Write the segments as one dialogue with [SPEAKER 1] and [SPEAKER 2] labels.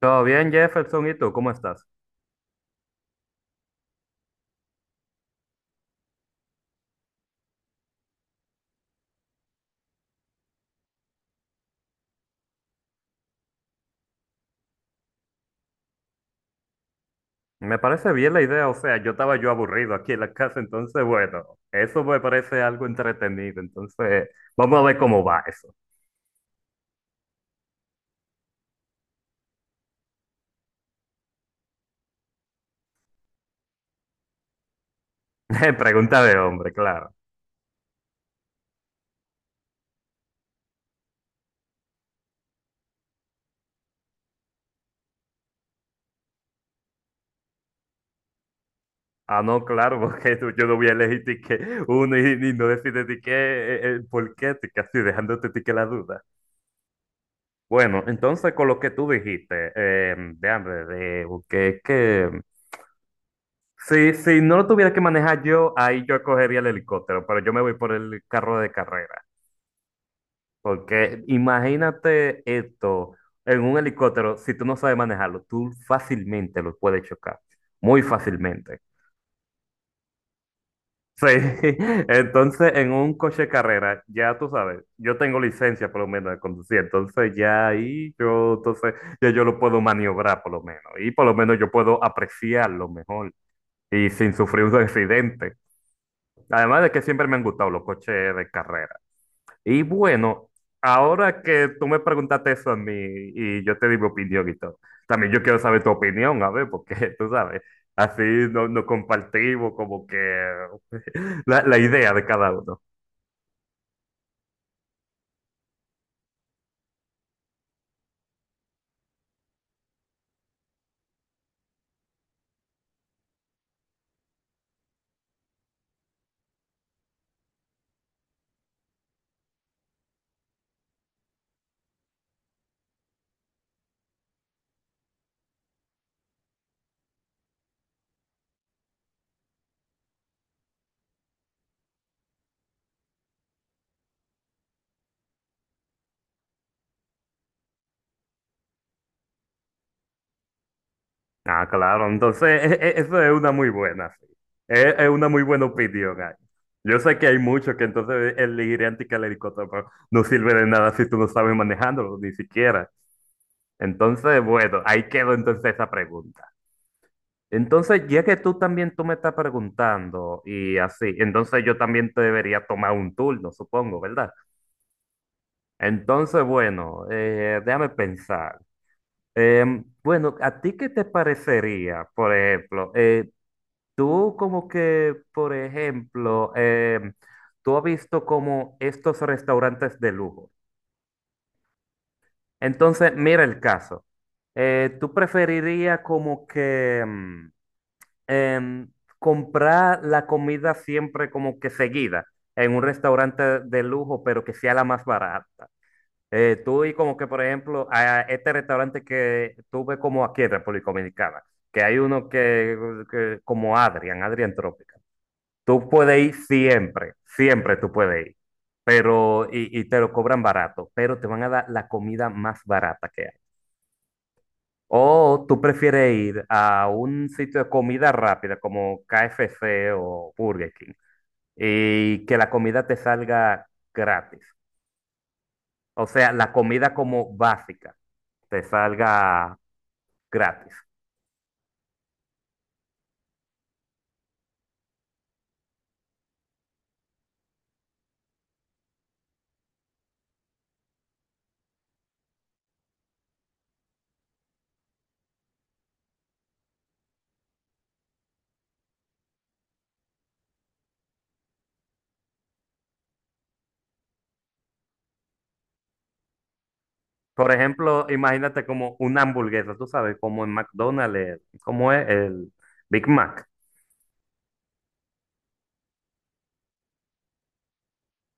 [SPEAKER 1] Todo bien, Jefferson, ¿y tú cómo estás? Me parece bien la idea, o sea, yo estaba yo aburrido aquí en la casa, entonces, bueno, eso me parece algo entretenido, entonces, vamos a ver cómo va eso. Pregunta de hombre, claro. Ah, no, claro, porque yo no voy a elegir ti que uno y no decirte ti que el por qué, ti que así dejándote ti que la duda. Bueno, entonces con lo que tú dijiste, de hambre, de que si no lo tuviera que manejar yo, ahí yo cogería el helicóptero, pero yo me voy por el carro de carrera. Porque imagínate esto en un helicóptero, si tú no sabes manejarlo, tú fácilmente lo puedes chocar, muy fácilmente. Sí, entonces en un coche de carrera, ya tú sabes, yo tengo licencia por lo menos de conducir, entonces ya ahí yo, entonces ya yo lo puedo maniobrar por lo menos, y por lo menos yo puedo apreciarlo mejor y sin sufrir un accidente. Además de que siempre me han gustado los coches de carrera. Y bueno, ahora que tú me preguntaste eso a mí y yo te di mi opinión y todo, también yo quiero saber tu opinión, a ver, porque tú sabes, así nos compartimos como que la idea de cada uno. Ah, claro, entonces eso es una muy buena, sí. Es una muy buena opinión ahí. Yo sé que hay muchos que entonces elegirán que el helicóptero, pero no sirve de nada si tú no sabes manejándolo, ni siquiera. Entonces, bueno, ahí quedó entonces esa pregunta. Entonces, ya que tú también tú me estás preguntando y así, entonces yo también te debería tomar un turno, supongo, ¿verdad? Entonces, bueno, déjame pensar. Bueno, ¿a ti qué te parecería, por ejemplo? Tú como que, por ejemplo, tú has visto como estos restaurantes de lujo. Entonces, mira el caso. ¿Tú preferirías como que... em, comprar la comida siempre como que seguida en un restaurante de lujo, pero que sea la más barata. Tú y como que, por ejemplo, a este restaurante que tuve como aquí en República Dominicana, que hay uno que como Adrian Tropical. Tú puedes ir siempre, siempre tú puedes ir, pero, y te lo cobran barato, pero te van a dar la comida más barata que hay. ¿O tú prefieres ir a un sitio de comida rápida como KFC o Burger King y que la comida te salga gratis? O sea, la comida como básica te salga gratis. Por ejemplo, imagínate como una hamburguesa, tú sabes, como en McDonald's, como es el Big Mac.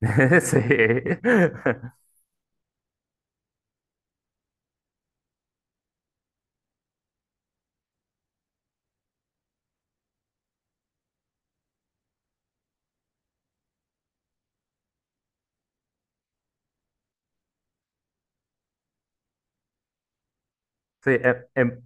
[SPEAKER 1] Sí, sí.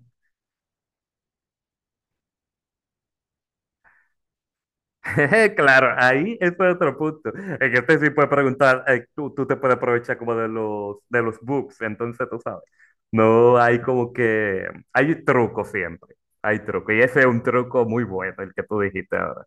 [SPEAKER 1] Claro, ahí eso es otro punto. En que este sí puede preguntar, tú te puedes aprovechar como de los books, entonces tú sabes. No hay como que, hay truco siempre, hay truco. Y ese es un truco muy bueno, el que tú dijiste ahora.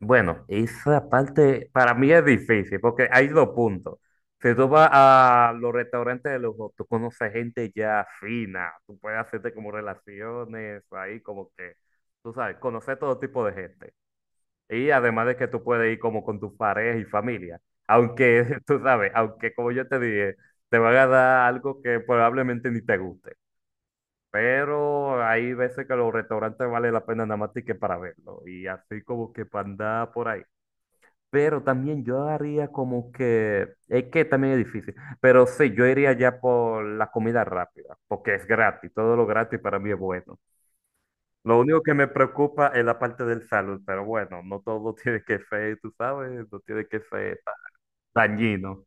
[SPEAKER 1] Bueno, esa parte para mí es difícil porque hay dos puntos. Si tú vas a los restaurantes de lujo, tú conoces gente ya fina, tú puedes hacerte como relaciones ahí, como que, tú sabes, conocer todo tipo de gente. Y además de que tú puedes ir como con tus parejas y familia. Aunque, tú sabes, aunque como yo te dije, te van a dar algo que probablemente ni te guste. Pero hay veces que los restaurantes vale la pena nada más que para verlo. Y así como que para andar por ahí. Pero también yo haría como que, es que también es difícil. Pero sí, yo iría ya por la comida rápida, porque es gratis. Todo lo gratis para mí es bueno. Lo único que me preocupa es la parte del salud, pero bueno, no todo tiene que ser, tú sabes, no tiene que ser dañino.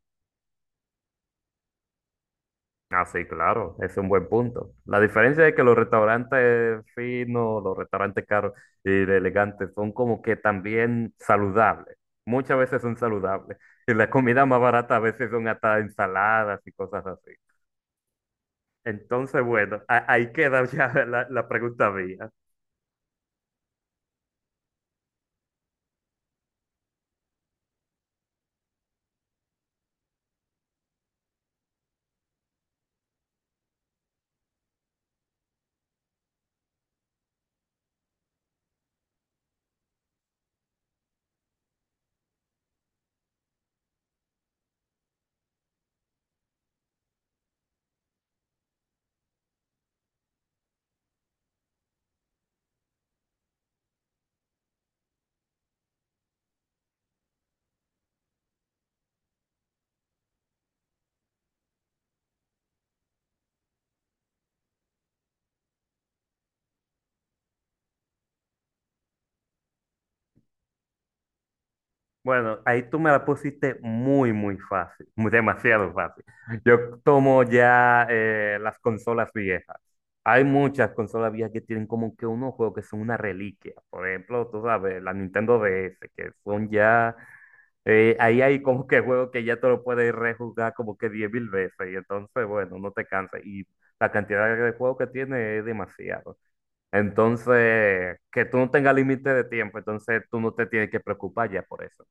[SPEAKER 1] Ah, sí, claro, es un buen punto. La diferencia es que los restaurantes finos, los restaurantes caros y de elegantes son como que también saludables. Muchas veces son saludables. Y la comida más barata a veces son hasta ensaladas y cosas así. Entonces, bueno, ahí queda ya la pregunta mía. Bueno, ahí tú me la pusiste muy, muy fácil, demasiado fácil. Yo tomo ya las consolas viejas. Hay muchas consolas viejas que tienen como que unos juegos que son una reliquia. Por ejemplo, tú sabes, la Nintendo DS, que son ya, ahí hay como que juegos que ya te lo puedes rejugar como que 10,000 veces. Y entonces, bueno, no te cansas. Y la cantidad de juegos que tiene es demasiado. Entonces, que tú no tengas límite de tiempo, entonces tú no te tienes que preocupar ya por eso.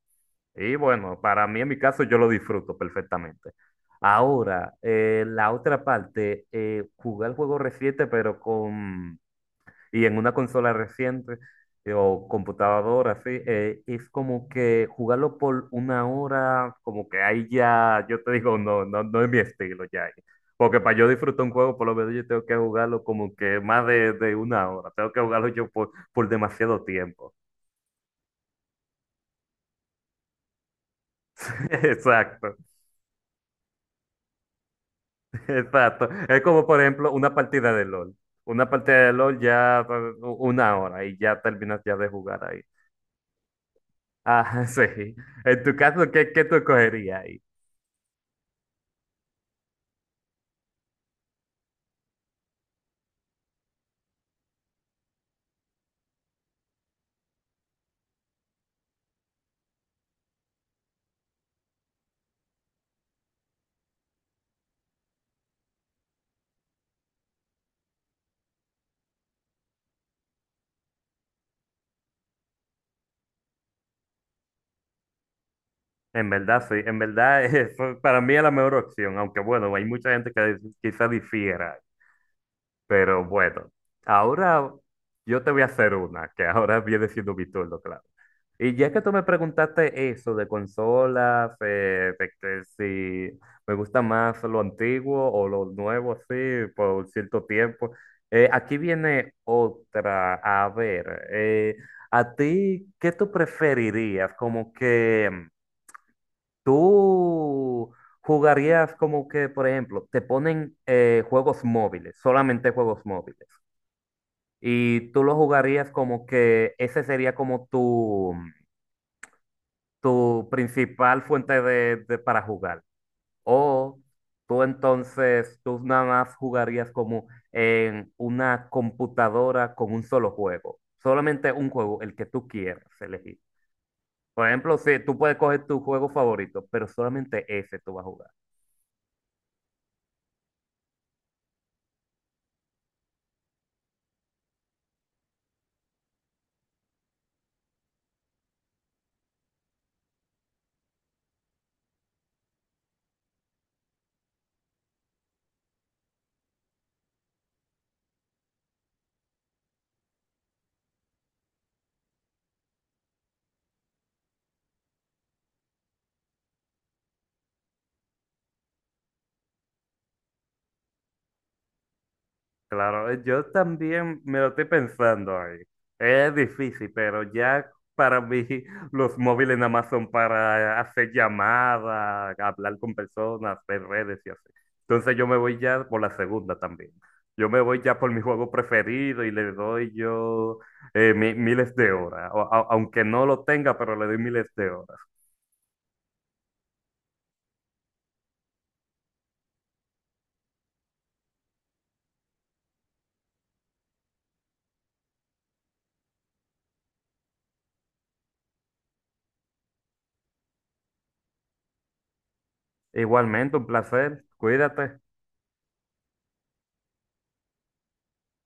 [SPEAKER 1] Y bueno, para mí en mi caso yo lo disfruto perfectamente. Ahora, la otra parte, jugar juegos recientes, pero con, y en una consola reciente o computadora, así, es como que jugarlo por una hora, como que ahí ya, yo te digo, no, no, no es mi estilo ya ahí. Porque para yo disfrutar un juego, por lo menos yo tengo que jugarlo como que más de una hora, tengo que jugarlo yo por demasiado tiempo. Exacto. Exacto. Es como, por ejemplo, una partida de LOL. Una partida de LOL ya una hora y ya terminas ya de jugar ahí. Ah, sí. En tu caso, ¿qué tú escogerías ahí? En verdad, sí. En verdad, eso para mí es la mejor opción. Aunque bueno, hay mucha gente que quizá difiera. Pero bueno, ahora yo te voy a hacer una, que ahora viene siendo mi turno, claro. Y ya que tú me preguntaste eso de consolas, de que si me gusta más lo antiguo o lo nuevo, así, por cierto tiempo, aquí viene otra. A ver, ¿a ti qué tú preferirías? Como que tú jugarías como que, por ejemplo, te ponen juegos móviles, solamente juegos móviles. Y tú lo jugarías como que ese sería como tu principal fuente de para jugar. O tú entonces, tú nada más jugarías como en una computadora con un solo juego. Solamente un juego, el que tú quieras elegir. Por ejemplo, si tú puedes coger tu juego favorito, pero solamente ese tú vas a jugar. Claro, yo también me lo estoy pensando ahí. Es difícil, pero ya para mí los móviles nada más son para hacer llamadas, hablar con personas, ver redes y así. Entonces yo me voy ya por la segunda también. Yo me voy ya por mi juego preferido y le doy yo miles de horas. Aunque no lo tenga, pero le doy miles de horas. Igualmente, un placer. Cuídate.